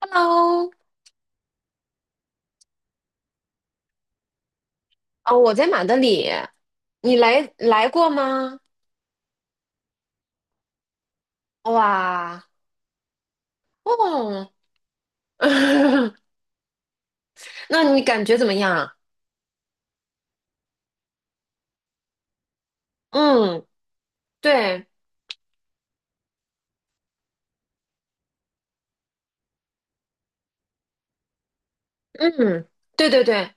Hello。哦，我在马德里，你来过吗？哇。哦。那你感觉怎么样？嗯。对。嗯。对对对。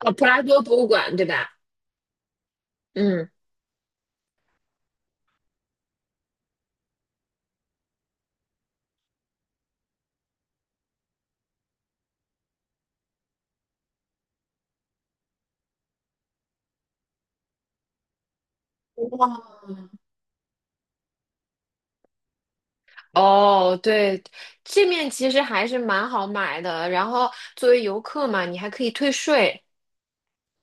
哦，普拉多博物馆，对吧？嗯。哇。哦，对，这面其实还是蛮好买的，然后作为游客嘛，你还可以退税。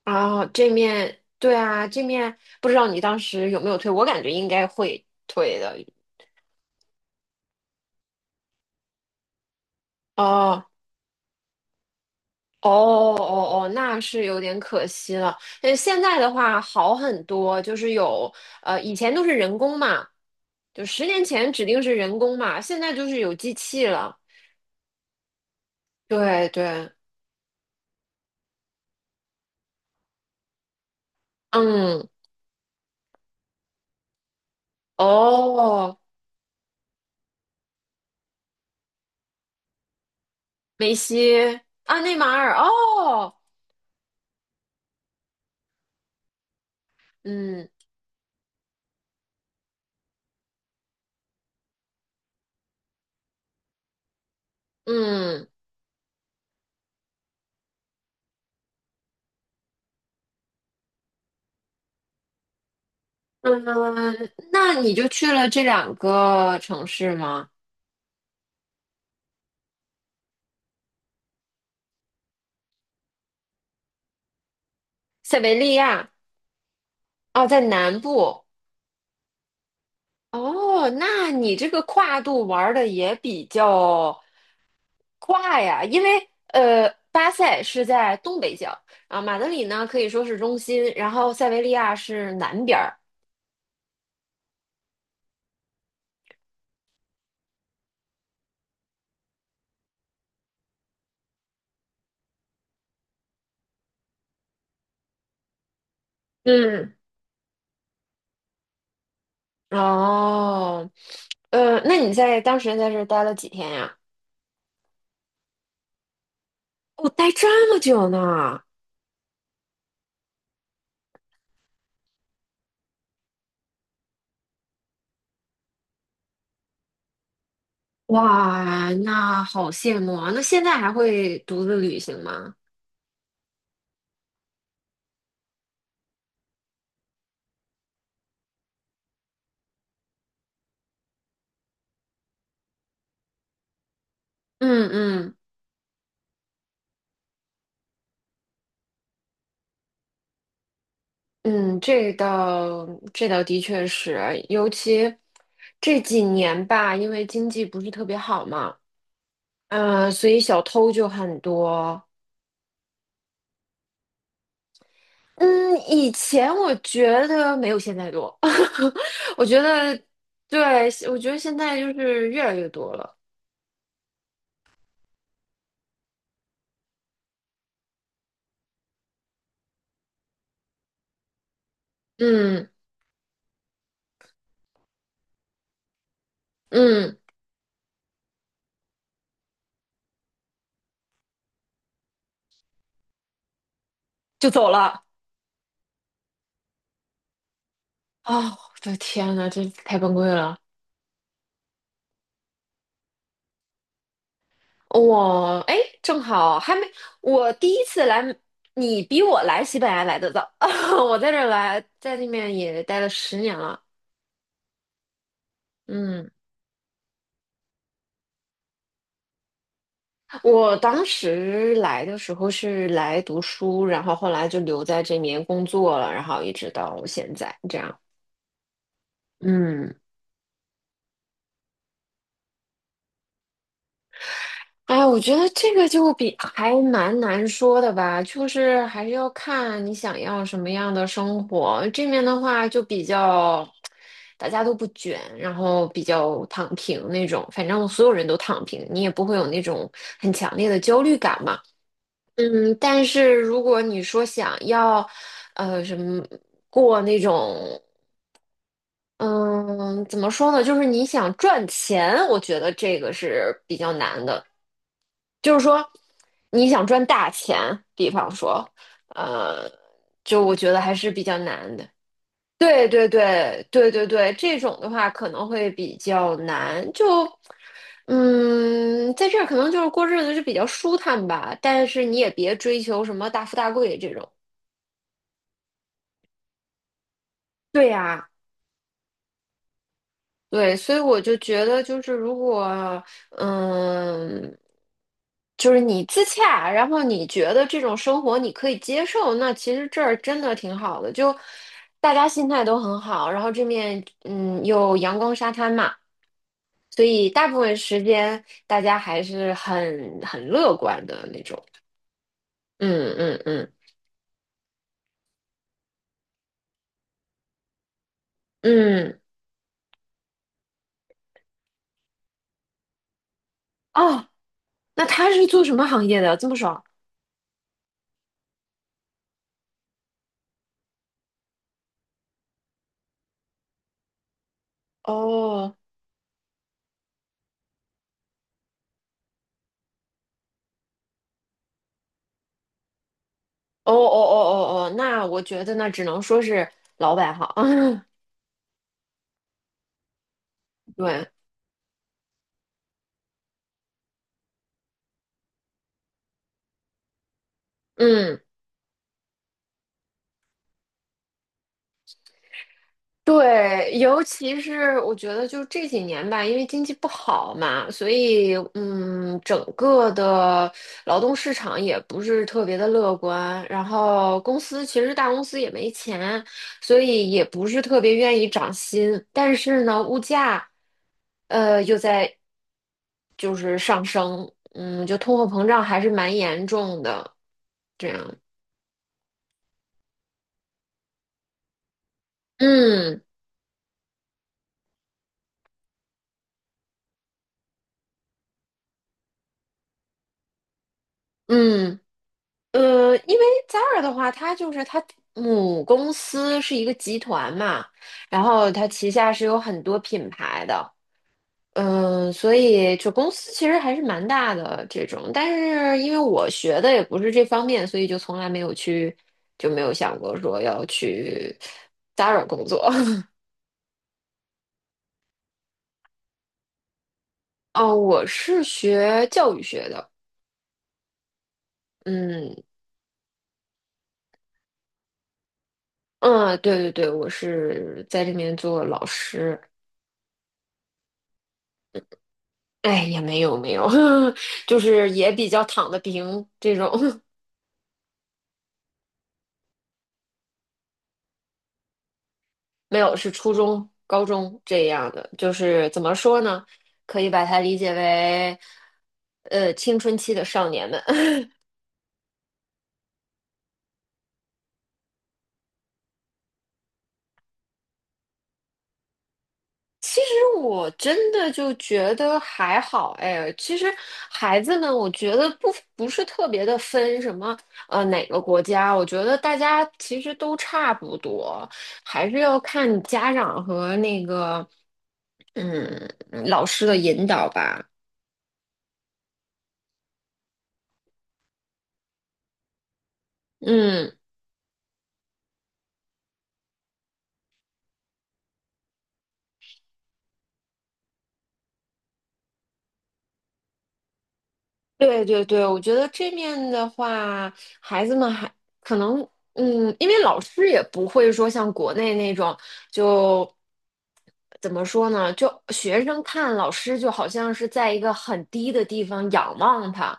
啊，这面，对啊，这面不知道你当时有没有退，我感觉应该会退的。哦。哦哦哦，那是有点可惜了。但是现在的话好很多，就是有以前都是人工嘛，就十年前指定是人工嘛，现在就是有机器了。对对。嗯。哦，梅西，啊，内马尔，哦。嗯嗯嗯。那你就去了这两个城市吗？塞维利亚。哦，在南部。哦，那你这个跨度玩的也比较跨呀，因为巴塞是在东北角，啊，马德里呢可以说是中心，然后塞维利亚是南边儿。嗯。哦。那你在当时在这儿待了几天呀？我待这么久呢。哇，那好羡慕啊！那现在还会独自旅行吗？嗯嗯嗯。这倒的确是，尤其这几年吧，因为经济不是特别好嘛，嗯，所以小偷就很多。嗯，以前我觉得没有现在多，我觉得对，我觉得现在就是越来越多了。嗯嗯。就走了。啊！我的天呐，这太崩溃了。我哎，正好还没，我第一次来，你比我来西班牙来的早，我在这儿来，在那边也待了十年了。嗯，我当时来的时候是来读书，然后后来就留在这边工作了，然后一直到现在这样。嗯，哎呀我觉得这个就比还蛮难说的吧，就是还是要看你想要什么样的生活。这面的话就比较，大家都不卷，然后比较躺平那种，反正所有人都躺平，你也不会有那种强烈的焦虑感嘛。嗯，但是如果你说想要，呃，什么过那种。嗯，怎么说呢？就是你想赚钱，我觉得这个是比较难的。就是说，你想赚大钱，比方说，呃，就我觉得还是比较难的。对对对对对对，这种的话可能会比较难。就，嗯，在这儿可能就是过日子就比较舒坦吧，但是你也别追求什么大富大贵这种。对呀、对，所以我就觉得，就是如果，嗯，就是你自洽，然后你觉得这种生活你可以接受，那其实这儿真的挺好的，就大家心态都很好，然后这面嗯有阳光沙滩嘛，所以大部分时间大家还是很乐观的那种。嗯嗯嗯嗯。哦，那他是做什么行业的？这么爽。哦哦哦哦哦哦，那我觉得那只能说是老板好。对。嗯。对，尤其是我觉得就这几年吧，因为经济不好嘛，所以嗯，整个的劳动市场也不是特别的乐观。然后公司其实大公司也没钱，所以也不是特别愿意涨薪。但是呢，物价又在上升，嗯，就通货膨胀还是蛮严重的。这样。嗯嗯。因为 Zara 的话，它母公司是一个集团嘛，然后它旗下是有很多品牌的，嗯、所以就公司其实还是蛮大的这种。但是因为我学的也不是这方面，所以就从来没有去，就没有想过说要去 Zara 工作。哦，我是学教育学的，嗯嗯，对对对，我是在这边做老师。哎，也没有，就是也比较躺得平这种，没有是初中、高中这样的，就是怎么说呢？可以把它理解为，呃，青春期的少年们。其实我真的就觉得还好，哎，其实孩子们，我觉得不是特别的分什么，呃，哪个国家，我觉得大家其实都差不多，还是要看家长和那个。嗯，老师的引导吧。嗯，对对对，我觉得这面的话，孩子们还可能，嗯，因为老师也不会说像国内那种，就怎么说呢？就学生看老师就好像是在一个很低的地方仰望他，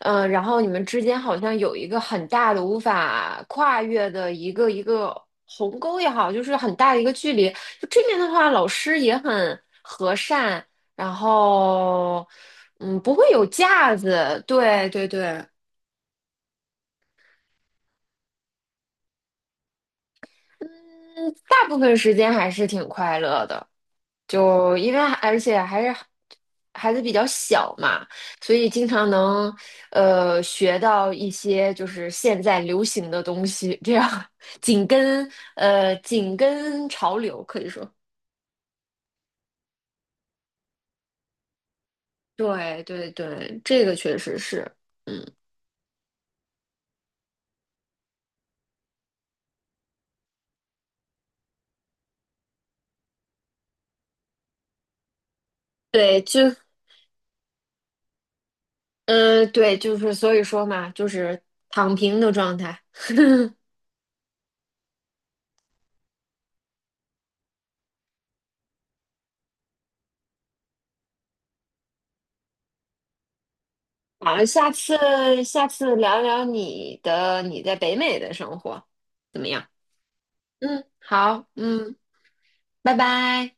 嗯，然后你们之间好像有一个很大的无法跨越的一个鸿沟也好，就是很大的一个距离。就这面的话，老师也很和善。然后，嗯，不会有架子，对对对，嗯，大部分时间还是挺快乐的，就因为而且还是孩子比较小嘛，所以经常能学到一些就是现在流行的东西，这样 紧跟紧跟潮流，可以说，对对对，这个确实是，嗯。对，就嗯，对，就是所以说嘛，就是躺平的状态。好，下次聊聊你在北美的生活怎么样？嗯，好，嗯，拜拜。